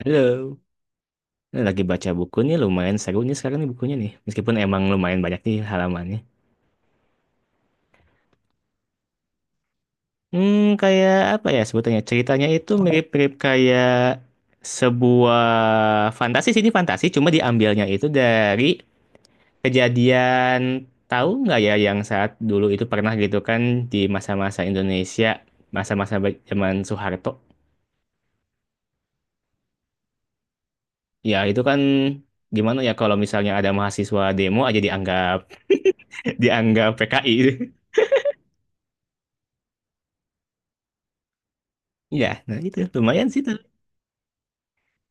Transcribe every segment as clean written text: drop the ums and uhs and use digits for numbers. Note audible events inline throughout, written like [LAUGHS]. Halo, ini lagi baca buku nih lumayan seru nih sekarang nih bukunya nih. Meskipun emang lumayan banyak nih halamannya. Hmm, Kayak apa ya sebutannya? Ceritanya itu mirip-mirip kayak sebuah fantasi sih ini fantasi, cuma diambilnya itu dari kejadian tahu nggak ya yang saat dulu itu pernah gitu kan di masa-masa Indonesia, masa-masa zaman Soeharto. Ya itu kan gimana ya kalau misalnya ada mahasiswa demo aja dianggap [LAUGHS] dianggap PKI. Iya, nah itu lumayan sih tuh.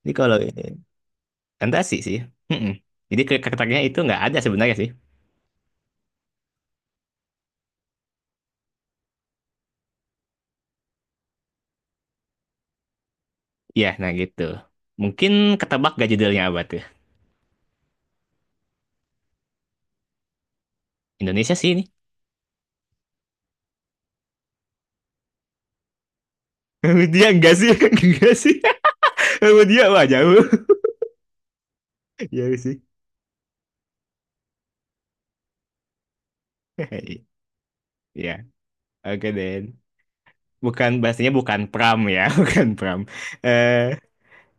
Jadi kalau ini fantasi sih. Mm-mm. Jadi karakternya itu nggak ada sebenarnya sih. Iya, nah gitu. Mungkin ketebak gak judulnya apa tuh? Indonesia sih ini. [LAUGHS] Dia enggak sih, [LAUGHS] enggak sih. Sama dia wah jauh. [LAUGHS] Iya sih. [LAUGHS] Iya, oke Den. Bukan bahasanya bukan pram ya, [LAUGHS] bukan pram. Eh,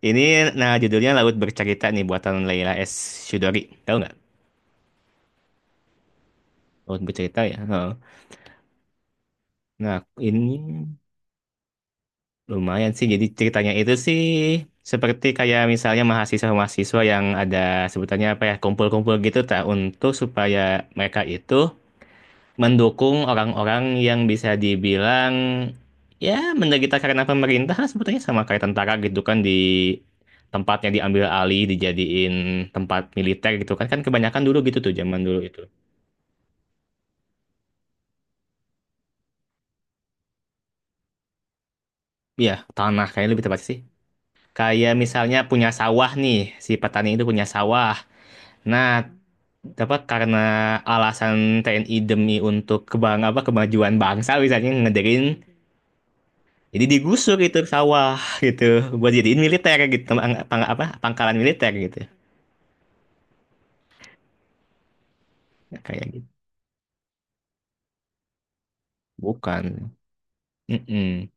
ini nah judulnya Laut Bercerita nih buatan Leila S. Chudori. Tahu nggak? Laut Bercerita ya. Oh. Nah, ini lumayan sih, jadi ceritanya itu sih seperti kayak misalnya mahasiswa-mahasiswa yang ada sebutannya apa ya, kumpul-kumpul gitu tak untuk supaya mereka itu mendukung orang-orang yang bisa dibilang ya menderita karena pemerintah lah sebetulnya sama kayak tentara gitu kan di tempatnya diambil alih dijadiin tempat militer gitu kan kan kebanyakan dulu gitu tuh zaman dulu itu. Iya, tanah kayaknya lebih tepat sih. Kayak misalnya punya sawah nih, si petani itu punya sawah. Nah, apa karena alasan TNI demi untuk kebang apa kemajuan bangsa misalnya ngederin jadi digusur gitu sawah gitu buat jadiin militer gitu pangkalan militer gitu. Nah, kayak gitu bukan. Mm-mm.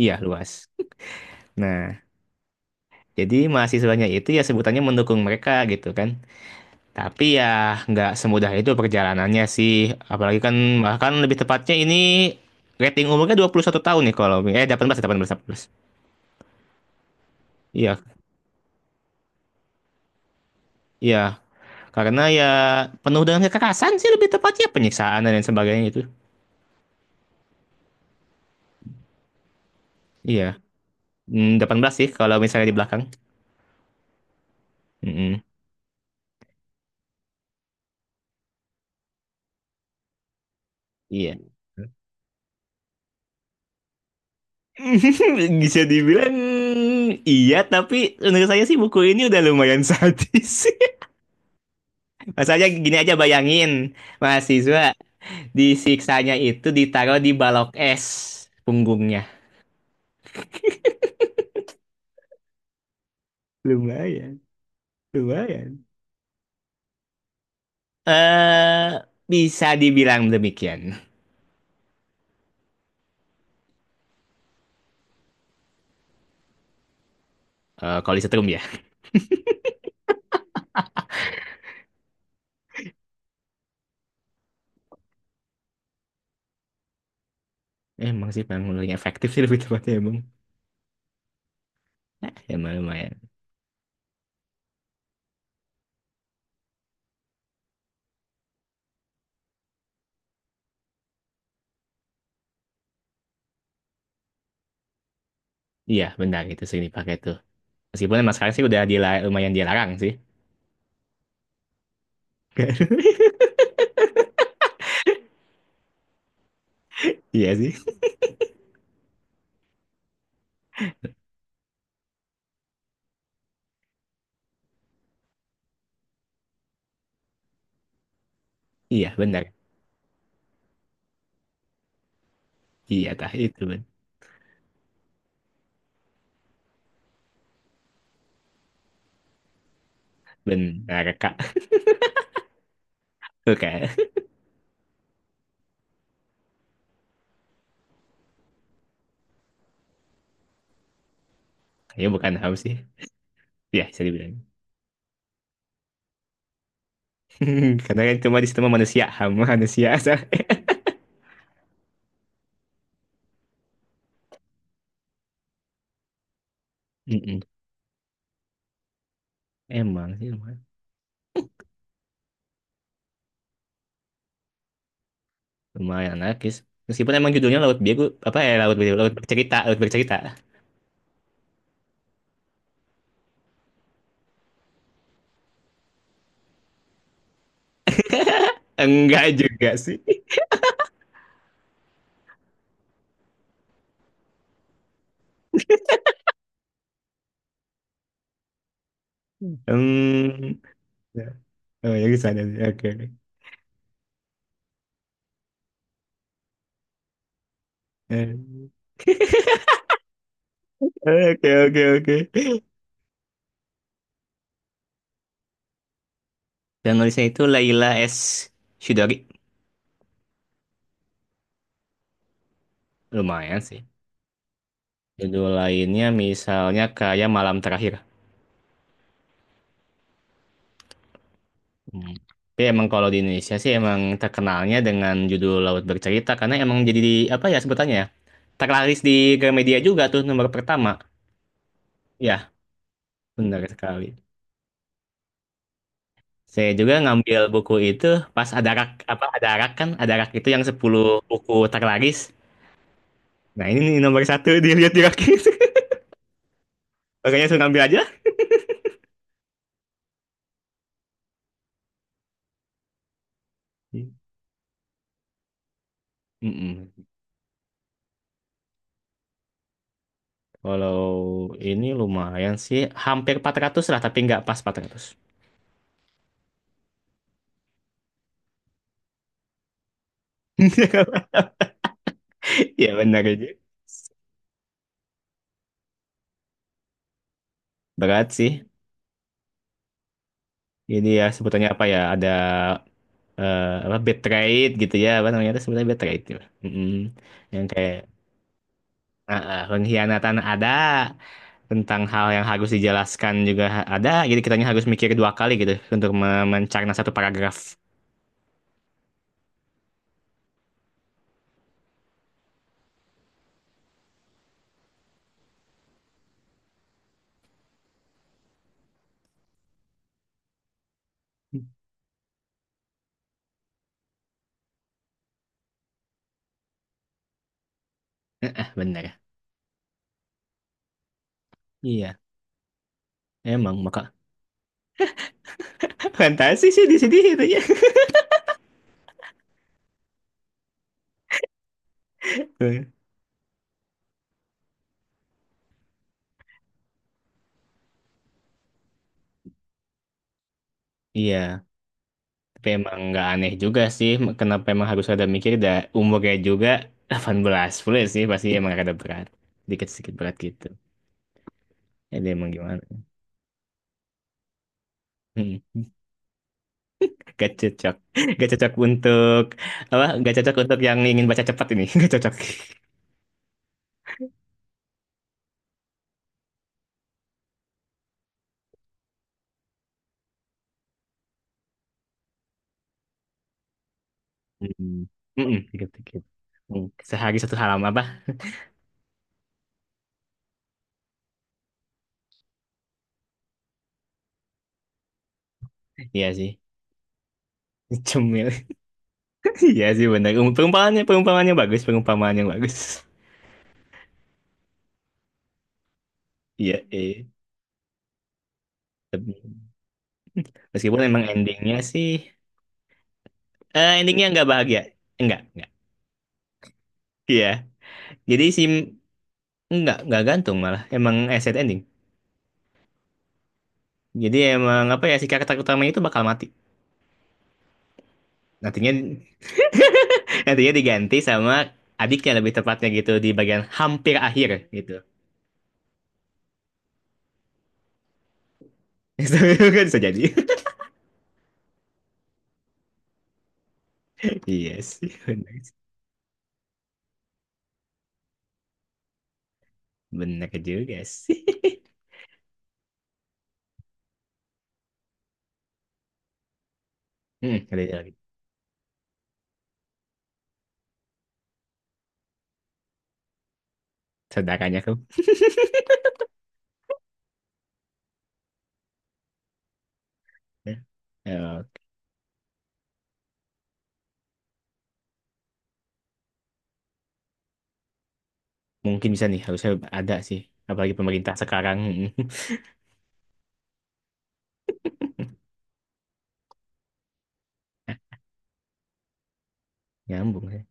Iya luas, nah, jadi mahasiswanya itu ya sebutannya mendukung mereka gitu kan, tapi ya nggak semudah itu perjalanannya sih, apalagi kan bahkan lebih tepatnya ini rating umurnya 21 tahun nih kalau delapan delapan belas delapan belas delapan belas iya iya. Karena ya penuh dengan kekerasan sih lebih tepatnya penyiksaan dan lain sebagainya itu. Iya. 18 sih kalau misalnya di belakang. Mm-mm. Iya. [LAUGHS] Bisa dibilang iya, tapi menurut saya sih buku ini udah lumayan sadis. [LAUGHS] Masalahnya gini aja bayangin, mahasiswa disiksanya itu ditaruh di balok es punggungnya. Lumayan, lumayan. Eh, Bisa dibilang demikian. Kalau disetrum ya. Emang sih paling paling efektif sih lebih tepatnya emang. Nah, lumayan, lumayan. Iya, benar itu sering dipakai tuh. Meskipun emang sekarang sih udah lumayan dilarang sih. [LAUGHS] Iya sih. Iya, benar. Iya, tah itu benar, Kak. Oke. Ya, ya, bukan ham sih. Iya, bisa dibilang. [LAUGHS] Karena kan cuma di situ mah manusia, ham manusia. [LAUGHS] sah. Mm-mm. Emang sih lumayan, lumayan anarkis. Meskipun emang judulnya Laut Biru, apa ya Laut Biru, Laut Bercerita, Laut Bercerita. Enggak juga sih. [LAUGHS] Hmm. Ya. Oh, ya di sana sih. Oke. Oke. Eh, Oke, oke, oke. Dan nulisnya itu Laila S. Shidori. Lumayan sih. Judul lainnya misalnya kayak Malam Terakhir. Hmm. Tapi emang kalau di Indonesia sih emang terkenalnya dengan judul Laut Bercerita karena emang jadi di, apa ya sebutannya ya? Terlaris di Gramedia juga tuh nomor pertama. Ya, benar sekali. Saya juga ngambil buku itu pas ada rak apa ada rak kan ada rak itu yang 10 buku terlaris. Nah ini nih nomor satu dilihat di rak. [LAUGHS] Makanya langsung ngambil aja. Mm-mm. Kalau ini lumayan sih, hampir 400 lah, tapi nggak pas 400. [LAUGHS] Ya benar aja. Berat sih. Jadi ya sebutannya apa ya, ada apa bad trade gitu ya, apa namanya itu sebenarnya bad trade. Gitu. Mm-mm. Yang kayak ah, ah, pengkhianatan ada, tentang hal yang harus dijelaskan juga ada, jadi kitanya harus mikir dua kali gitu untuk mencerna satu paragraf. Benar. Iya, emang maka. [LAUGHS] Fantasi sih di sini itu ya. [LAUGHS] Iya. Tapi emang nggak aneh juga sih, kenapa emang harus ada mikir, dah umurnya juga 18 full sih, pasti emang ada berat. Dikit-sedikit berat gitu. Jadi emang gimana? Hmm, Gak cocok. Gak cocok untuk yang ingin baca cepat ini. [LAUGHS] Gak cocok. Hmm. Mm-mm, dikit-dikit. Hmm, Sehari satu halaman apa? Iya sih. Cemil. [LAUGHS] Iya sih benar. Perumpamaannya bagus, perumpamaannya yang bagus. [LAUGHS] Iya, eh. Tapi- Meskipun emang endingnya sih, endingnya nggak bahagia. Enggak. Iya. Jadi si nggak gantung malah. Emang asset ending. Jadi emang apa ya si karakter utamanya itu bakal mati. Nantinya [LAUGHS] nantinya diganti sama adiknya lebih tepatnya gitu di bagian hampir akhir gitu. [LAUGHS] Itu kan bisa jadi. [LAUGHS] Iya sih. Benar, sih. Benar juga sih. [LAUGHS] Ada lagi. Saudaranya tuh. Eh, Mungkin bisa nih harusnya ada sih. Apalagi pemerintah sekarang. [LAUGHS] Nyambung ya.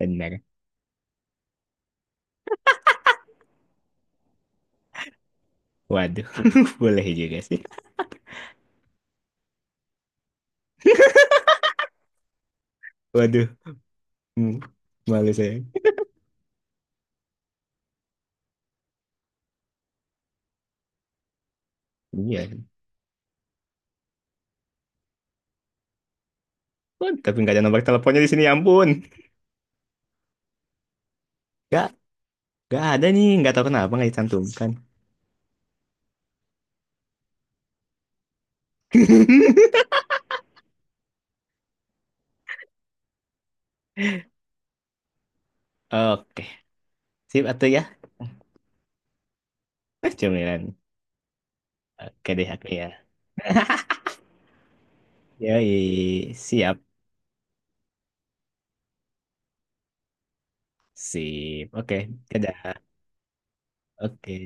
Benar. Waduh, [LAUGHS] boleh juga sih. Waduh, Hmm. malu saya. Iya. Oh, tapi nggak ada nomor teleponnya di sini, ya ampun. Nggak, nggak ada nih. Nggak tahu kenapa nggak dicantumkan. [LAUGHS] Oke, sip atau ya? Cemilan. Oke deh, aku ya. Yoi, siap. Sip. Oke, dadah. Oke.